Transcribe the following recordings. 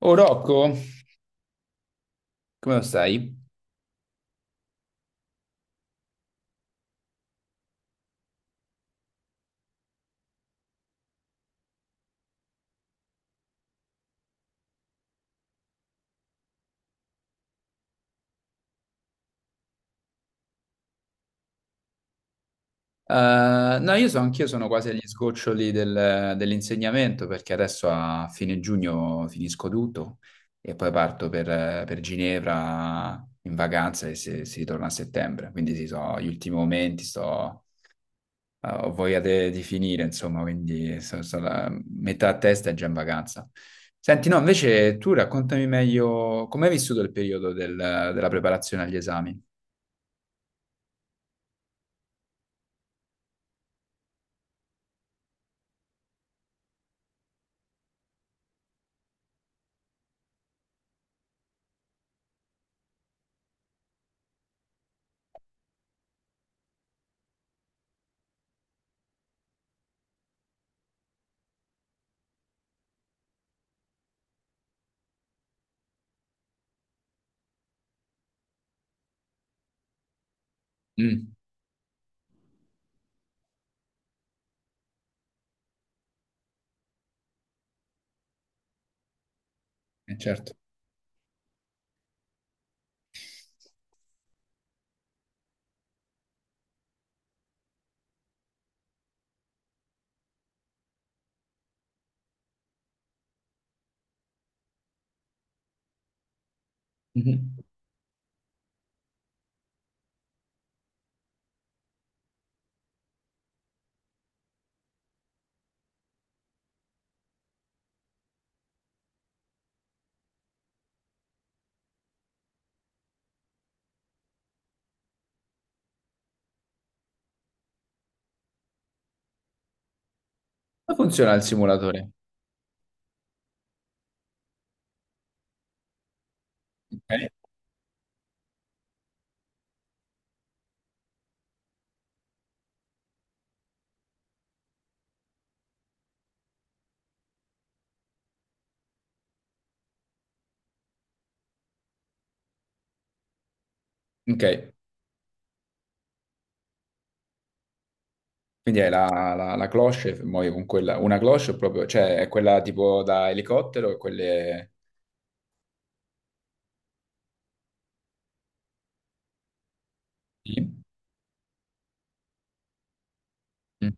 Oh Rocco, come lo stai? Eh, no, io so, anch'io sono quasi agli sgoccioli dell'insegnamento perché adesso a fine giugno finisco tutto e poi parto per Ginevra in vacanza e si ritorna a settembre. Quindi sì, so, gli ultimi momenti, sto, ho voglia di finire, insomma, quindi metà a testa è già in vacanza. Senti, no, invece tu raccontami meglio come hai vissuto il periodo della preparazione agli esami. Mm, certo. Mhm. Come funziona il simulatore? Ok, ok. Quindi hai la cloche, muovi con quella, una cloche proprio, cioè è quella tipo da elicottero e quelle... Sì. Mm.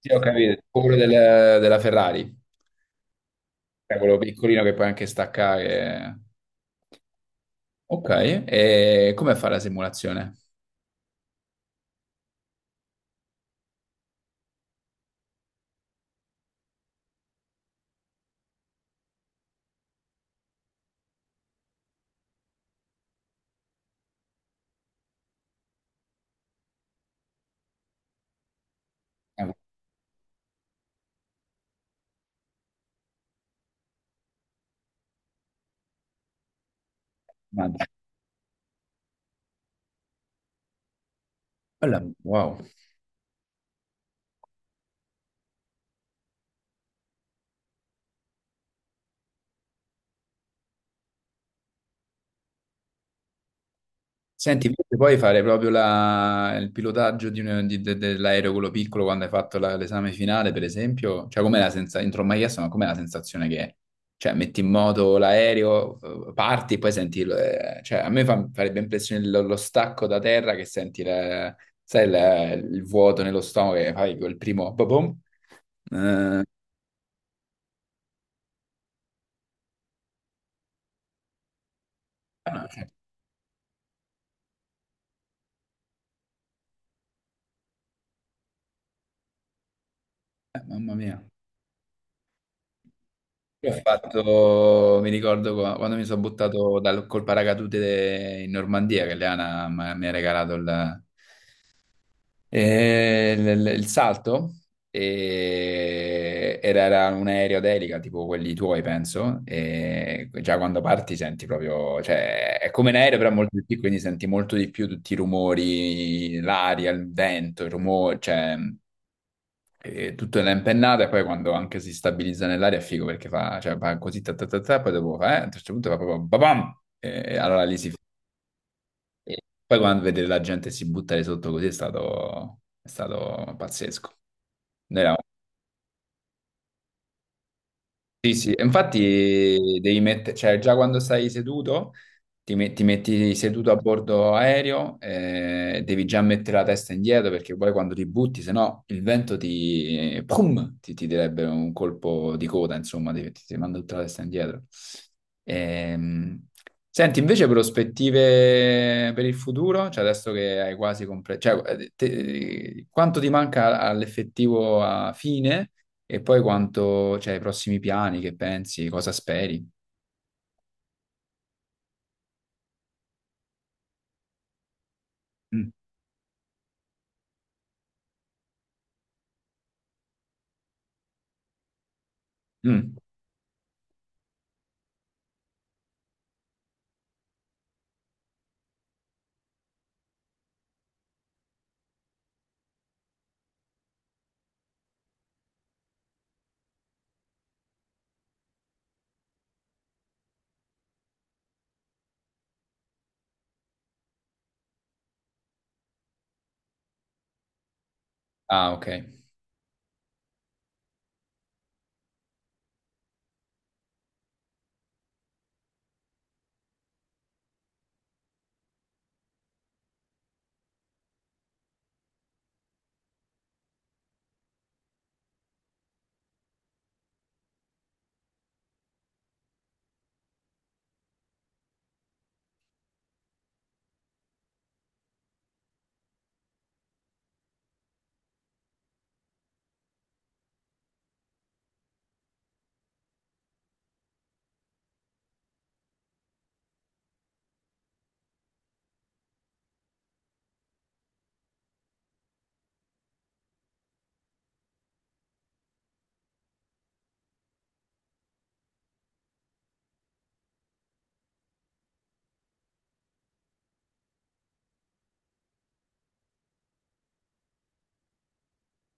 Sì, ho capito, quello della Ferrari. Cioè, quello piccolino che puoi anche staccare. Ok, e come fa la simulazione? Eh, mannaggia. Bella, wow. Senti, invece puoi fare proprio il pilotaggio di dell'aereo quello piccolo quando hai fatto l'esame finale, per esempio? Cioè, com'è la sensazione? Non te l'ho mai chiesto, ma com'è la sensazione che è? Cioè, metti in moto l'aereo, parti e poi senti... cioè, a me farebbe impressione lo stacco da terra che senti sai, il vuoto nello stomaco che fai quel primo... boh, boom. Eh, ah, cioè, mamma mia. Io ho fatto, mi ricordo quando mi sono buttato dal, col paracadute in Normandia, che Leana mi ha regalato il salto, e era un aereo d'elica, tipo quelli tuoi, penso, e già quando parti senti proprio, cioè è come un aereo però molto più piccolo, quindi senti molto di più tutti i rumori, l'aria, il vento, il rumore, cioè... E tutto nella impennata e poi quando anche si stabilizza nell'aria è figo perché fa, cioè, fa così, ta, ta, ta, ta, poi dopo fa, a un certo punto fa proprio babam! E allora lì si fa. E poi quando vedere la gente si buttare sotto così è stato pazzesco. Noi eravamo... Sì, sì, e infatti devi mettere, cioè già quando stai seduto, ti metti seduto a bordo aereo, devi già mettere la testa indietro perché poi quando ti butti, se no il vento ti, pum, ti direbbe un colpo di coda, insomma, ti manda tutta la testa indietro. Ehm, Senti, invece prospettive per il futuro, cioè adesso che hai quasi completato, cioè, te- quanto ti manca all'effettivo a fine? E poi quanto, cioè, i prossimi piani, che pensi, cosa speri? Mm. Mm. Ah, ok.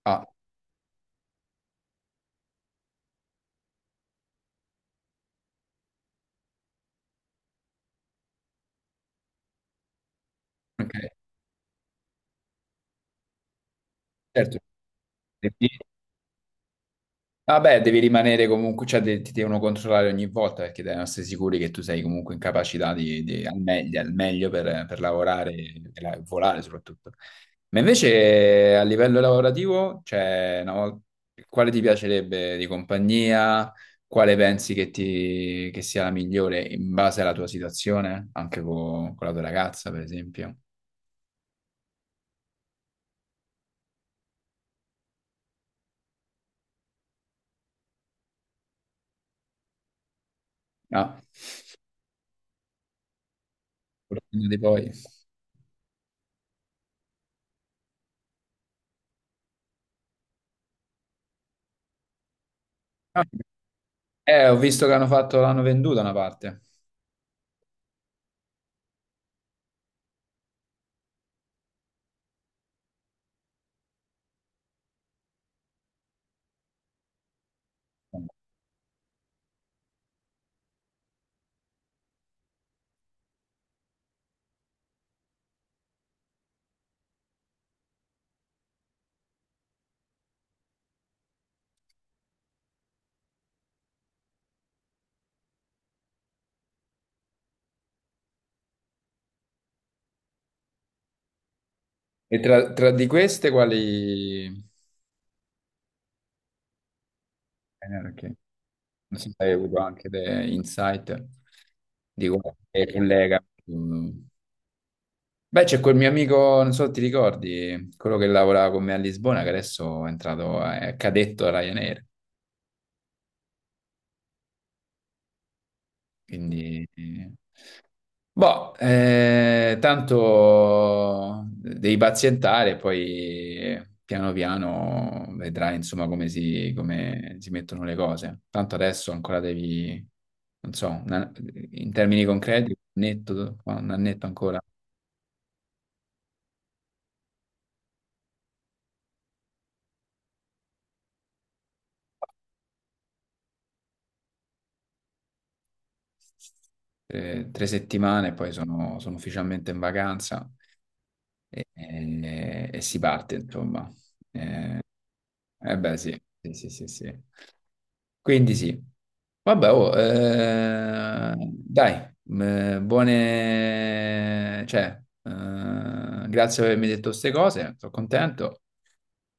Ah, ok. Certo. Vabbè, devi rimanere comunque, cioè de- ti devono controllare ogni volta perché devono essere sicuri che tu sei comunque in capacità di, al meglio per lavorare e volare soprattutto. Ma invece a livello lavorativo, cioè, una quale ti piacerebbe di compagnia? Quale pensi che, ti, che sia la migliore in base alla tua situazione? Anche con, la tua ragazza, per esempio. Ah, fortuna di poi. Ah, ho visto che hanno fatto, l'hanno venduta una parte. E tra di queste quali... no, perché non so se hai avuto anche dei insight di qualche collega. Mm. Beh, c'è quel mio amico, non so se ti ricordi, quello che lavorava con me a Lisbona, che adesso è entrato, è cadetto a Ryanair, quindi... boh, tanto devi pazientare, poi piano piano vedrai insomma come come si mettono le cose. Tanto adesso ancora devi, non so, una- in termini concreti, un annetto ancora, tre settimane, poi sono, sono ufficialmente in vacanza e, e si parte, insomma. Eh beh, sì, sì. Quindi sì. Vabbè, oh, dai, buone... cioè, grazie per avermi detto queste cose, sono contento.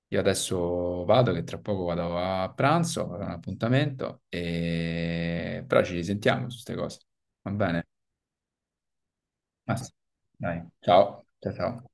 Io adesso vado, che tra poco vado a pranzo, avrò un appuntamento, e... però ci risentiamo su queste cose. Va bene? Massimo, dai, ciao. Ciao, ciao.